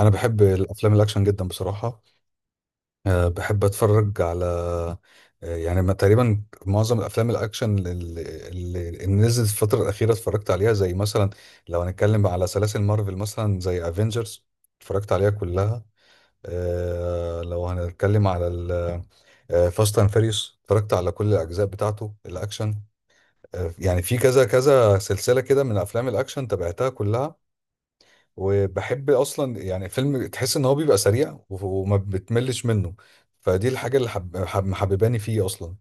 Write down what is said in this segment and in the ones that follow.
انا بحب الافلام الاكشن جدا بصراحه. بحب اتفرج على أه يعني ما- تقريبا معظم الافلام الاكشن اللي نزلت الفتره الاخيره اتفرجت عليها، زي مثلا لو هنتكلم على سلاسل مارفل مثلا زي افنجرز اتفرجت عليها كلها. لو هنتكلم على فاست اند فيريوس اتفرجت على كل الاجزاء بتاعته الاكشن. يعني في كذا كذا سلسله كده من افلام الاكشن تابعتها كلها، وبحب اصلا يعني فيلم تحس ان هو بيبقى سريع وما بتملش منه. فدي الحاجه اللي محبباني فيه اصلا.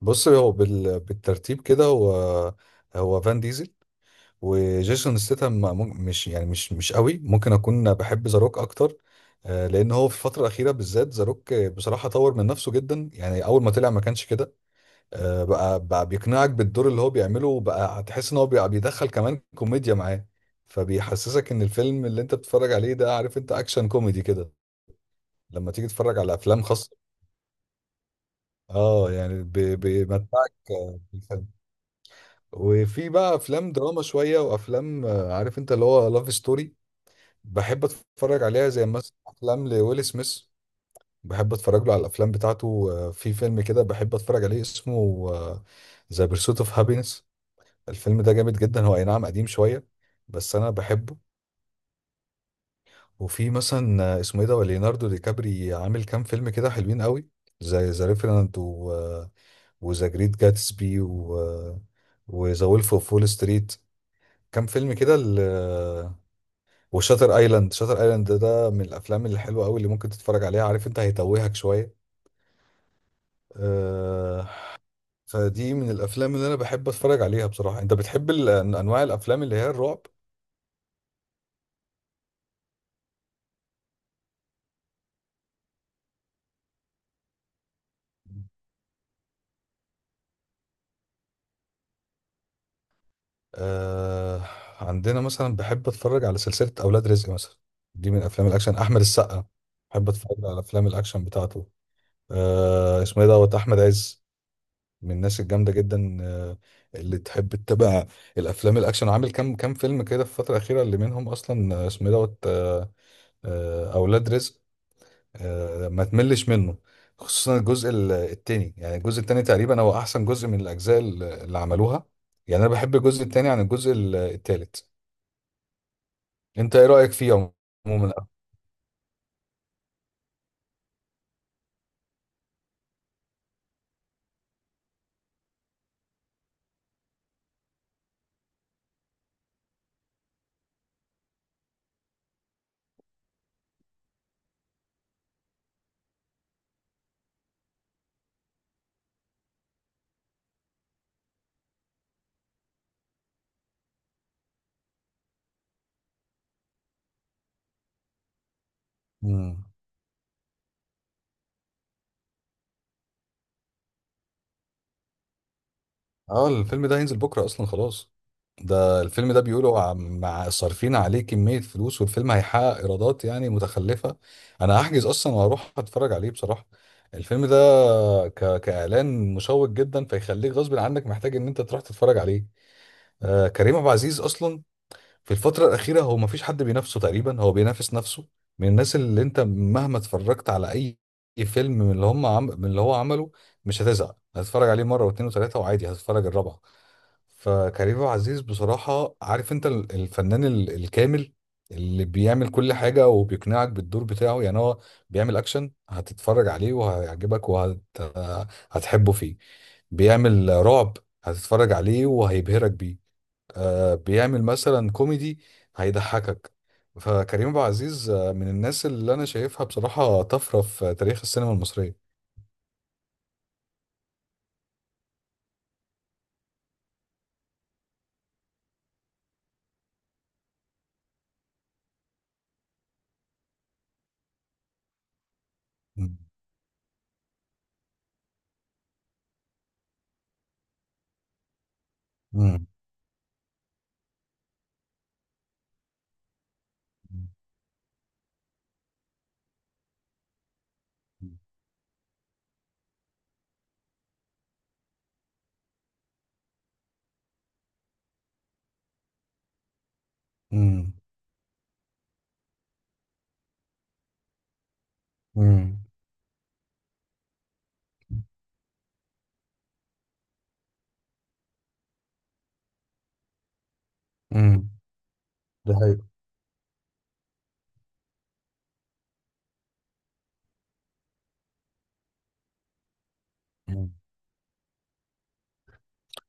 بص، هو بالترتيب كده، هو فان ديزل وجيسون ستاtham، مش يعني، مش قوي، ممكن اكون بحب ذا روك اكتر. آه، لان هو في الفتره الاخيره بالذات ذا روك بصراحه طور من نفسه جدا. يعني اول ما طلع ما كانش كده، آه، بقى بيقنعك بالدور اللي هو بيعمله، وبقى هتحس ان هو بقى بيدخل كمان كوميديا معاه، فبيحسسك ان الفيلم اللي انت بتتفرج عليه ده، عارف انت، اكشن كوميدي كده لما تيجي تتفرج على افلام خاصة. اه يعني بيمتعك آه، بالفيلم. وفي بقى افلام دراما شوية، وافلام آه، عارف انت، اللي هو لاف ستوري بحب اتفرج عليها، زي مثلا افلام لويل سميث. بحب اتفرج له على الافلام بتاعته. آه، في فيلم كده بحب اتفرج عليه اسمه ذا بيرسوت اوف هابينس. الفيلم ده جامد جدا. هو اي نعم قديم شوية بس انا بحبه. وفي مثلا آه، اسمه ايه ده، ليوناردو دي كابري عامل كام فيلم كده حلوين قوي، زي ذا ريفرنت و... وذا جريت جاتسبي و... وذا وولف اوف وول ستريت. كام فيلم كده وشاتر ايلاند. شاتر ايلاند ده من الافلام الحلوه قوي اللي ممكن تتفرج عليها. عارف انت، هيتوهك شويه آه، فدي من الافلام اللي انا بحب اتفرج عليها بصراحه. انت بتحب انواع الافلام اللي هي الرعب؟ آه. عندنا مثلا بحب اتفرج على سلسلة اولاد رزق مثلا، دي من افلام الاكشن. احمد السقا بحب اتفرج على افلام الاكشن بتاعته. آه، اسمه ايه دوت، احمد عز، من الناس الجامدة جدا آه، اللي تحب تتابع الافلام الاكشن. وعامل كام فيلم كده في الفترة الاخيرة، اللي منهم اصلا آه، اسمه ايه دوت آه، آه، اولاد رزق. آه ما تملش منه، خصوصا الجزء التاني. يعني الجزء التاني تقريبا هو احسن جزء من الاجزاء اللي عملوها. يعني انا بحب الجزء التاني عن الجزء التالت. انت ايه رأيك فيه عموما؟ امم اه الفيلم ده هينزل بكرة اصلا خلاص. ده الفيلم ده بيقولوا مع صارفين عليه كمية فلوس، والفيلم هيحقق ايرادات يعني متخلفة. انا هحجز اصلا وهروح اتفرج عليه بصراحة الفيلم ده. كإعلان مشوق جدا، فيخليك غصب عنك محتاج ان انت تروح تتفرج عليه. آه كريم عبد العزيز اصلا في الفترة الأخيرة هو مفيش حد بينافسه، تقريبا هو بينافس نفسه. من الناس اللي أنت مهما اتفرجت على أي فيلم من من اللي هو عمله، مش هتزهق، هتتفرج عليه مرة واتنين وتلاتة وعادي هتتفرج الرابعة. فكريم عبد العزيز بصراحة، عارف أنت، الفنان الكامل، اللي بيعمل كل حاجة وبيقنعك بالدور بتاعه. يعني هو بيعمل أكشن هتتفرج عليه وهيعجبك وهتحبه فيه، بيعمل رعب هتتفرج عليه وهيبهرك بيه، آه، بيعمل مثلا كوميدي هيضحكك. فكريم عبد العزيز آه، من الناس اللي انا شايفها بصراحة طفرة في تاريخ السينما المصرية. مم. مم. مم. مم. مم. ده حقيقي.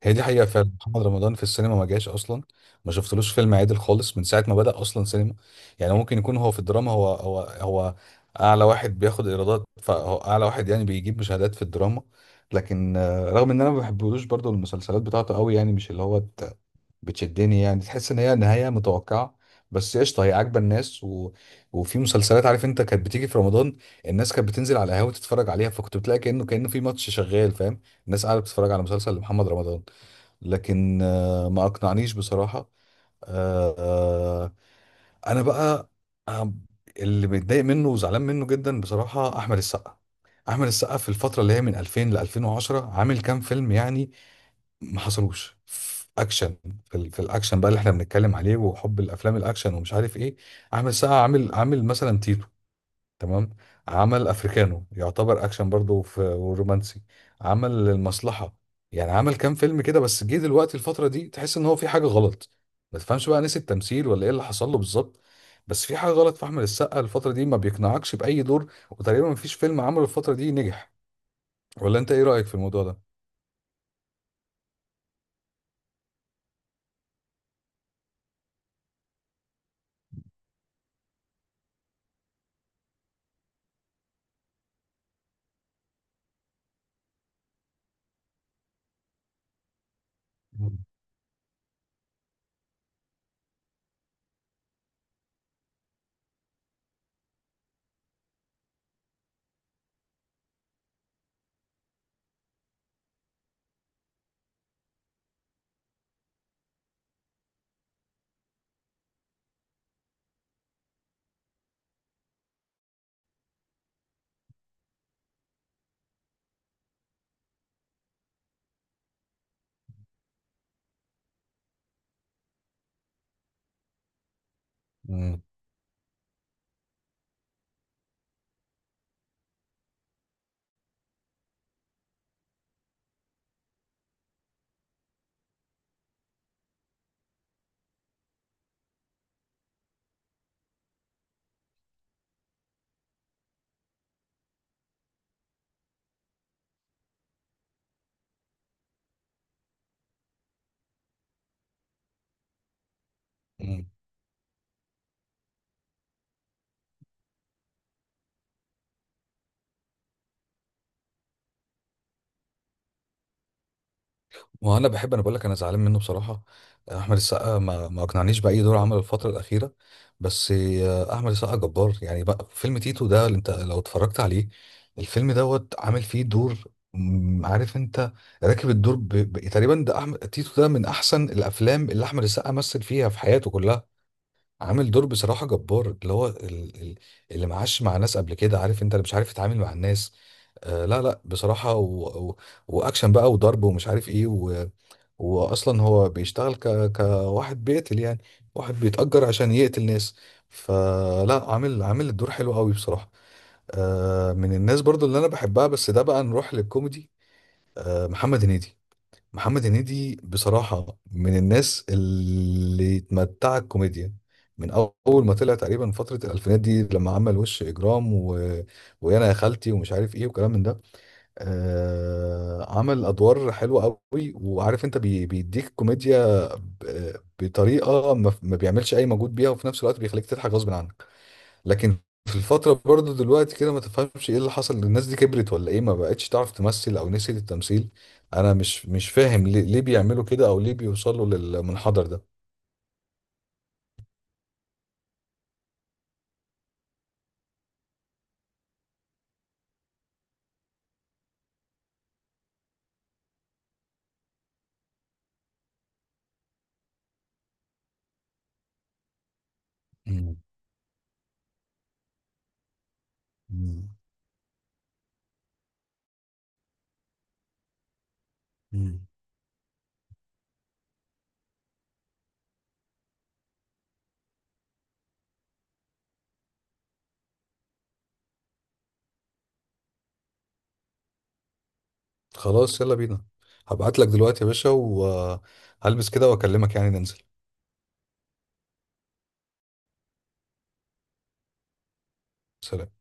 هي دي حقيقة فعلا، محمد رمضان في السينما ما جاش أصلا. ما شفتلوش فيلم عادل خالص من ساعة ما بدأ أصلا سينما. يعني ممكن يكون هو في الدراما، هو أعلى واحد بياخد إيرادات، فهو أعلى واحد يعني بيجيب مشاهدات في الدراما. لكن آه، رغم إن أنا ما بحبلوش، برضو المسلسلات بتاعته قوي يعني مش اللي هو بتشدني. يعني تحس إن هي نهاية متوقعة، بس قشطة هي عاجبة الناس و... وفي مسلسلات عارف أنت كانت بتيجي في رمضان، الناس كانت بتنزل على القهاوي تتفرج عليها، فكنت بتلاقي كأنه في ماتش شغال، فاهم؟ الناس قاعدة بتتفرج على مسلسل لمحمد رمضان. لكن آه، ما اقنعنيش بصراحة. آه، آه، انا بقى آه، اللي متضايق منه وزعلان منه جدا بصراحة، احمد السقا. احمد السقا في الفترة اللي هي من 2000 ل 2010 عامل كام فيلم يعني ما حصلوش في اكشن. في الاكشن بقى اللي احنا بنتكلم عليه وحب الافلام الاكشن ومش عارف ايه، احمد السقا عامل مثلا تيتو، تمام؟ عمل افريكانو، يعتبر اكشن برضه في ورومانسي. عمل المصلحه. يعني عمل كام فيلم كده، بس جه دلوقتي الفتره دي تحس ان هو في حاجه غلط. ما تفهمش بقى نسي التمثيل ولا ايه اللي حصل له بالظبط. بس في حاجه غلط في احمد السقا الفتره دي. ما بيقنعكش باي دور، وتقريبا ما فيش فيلم عمله الفتره دي نجح. ولا انت ايه رايك في الموضوع ده؟ مم. مم. وانا بحب انا بقول لك انا زعلان منه بصراحه. احمد السقا ما اقنعنيش باي دور عمله الفتره الاخيره. بس آه، احمد السقا جبار. يعني بقى فيلم تيتو ده اللي انت لو اتفرجت عليه، الفيلم دوت عامل فيه دور مم، عارف انت، راكب الدور تقريبا. ده احمد تيتو ده من احسن الافلام اللي احمد السقا مثل فيها في حياته كلها. عامل دور بصراحه جبار، اللي هو اللي معاش مع ناس قبل كده، عارف انت، اللي مش عارف يتعامل مع الناس. آه لا بصراحه، واكشن بقى وضرب ومش عارف ايه. واصلا هو بيشتغل كواحد بيقتل يعني، واحد بيتأجر عشان يقتل ناس. فلا، عامل الدور حلو قوي بصراحة. آه، من الناس برضو اللي انا بحبها، بس ده بقى نروح للكوميدي، آه، محمد هنيدي. محمد هنيدي بصراحة من الناس اللي اتمتعت الكوميديا من أول ما طلع، تقريبا فترة الألفينات دي لما عمل وش إجرام و... ويانا يا خالتي ومش عارف إيه وكلام من ده. عمل أدوار حلوة قوي، وعارف أنت، بيديك كوميديا بطريقة ما بيعملش أي مجهود بيها، وفي نفس الوقت بيخليك تضحك غصب عنك. لكن في الفترة برضه دلوقتي كده ما تفهمش ايه اللي حصل، الناس دي كبرت ولا ايه، ما بقتش تعرف تمثل او نسيت التمثيل. انا مش فاهم ليه بيعملوا كده او ليه بيوصلوا للمنحدر ده. مم. مم. مم. خلاص يلا بينا. هبعت لك دلوقتي يا باشا وهلبس كده واكلمك يعني ننزل. سلام.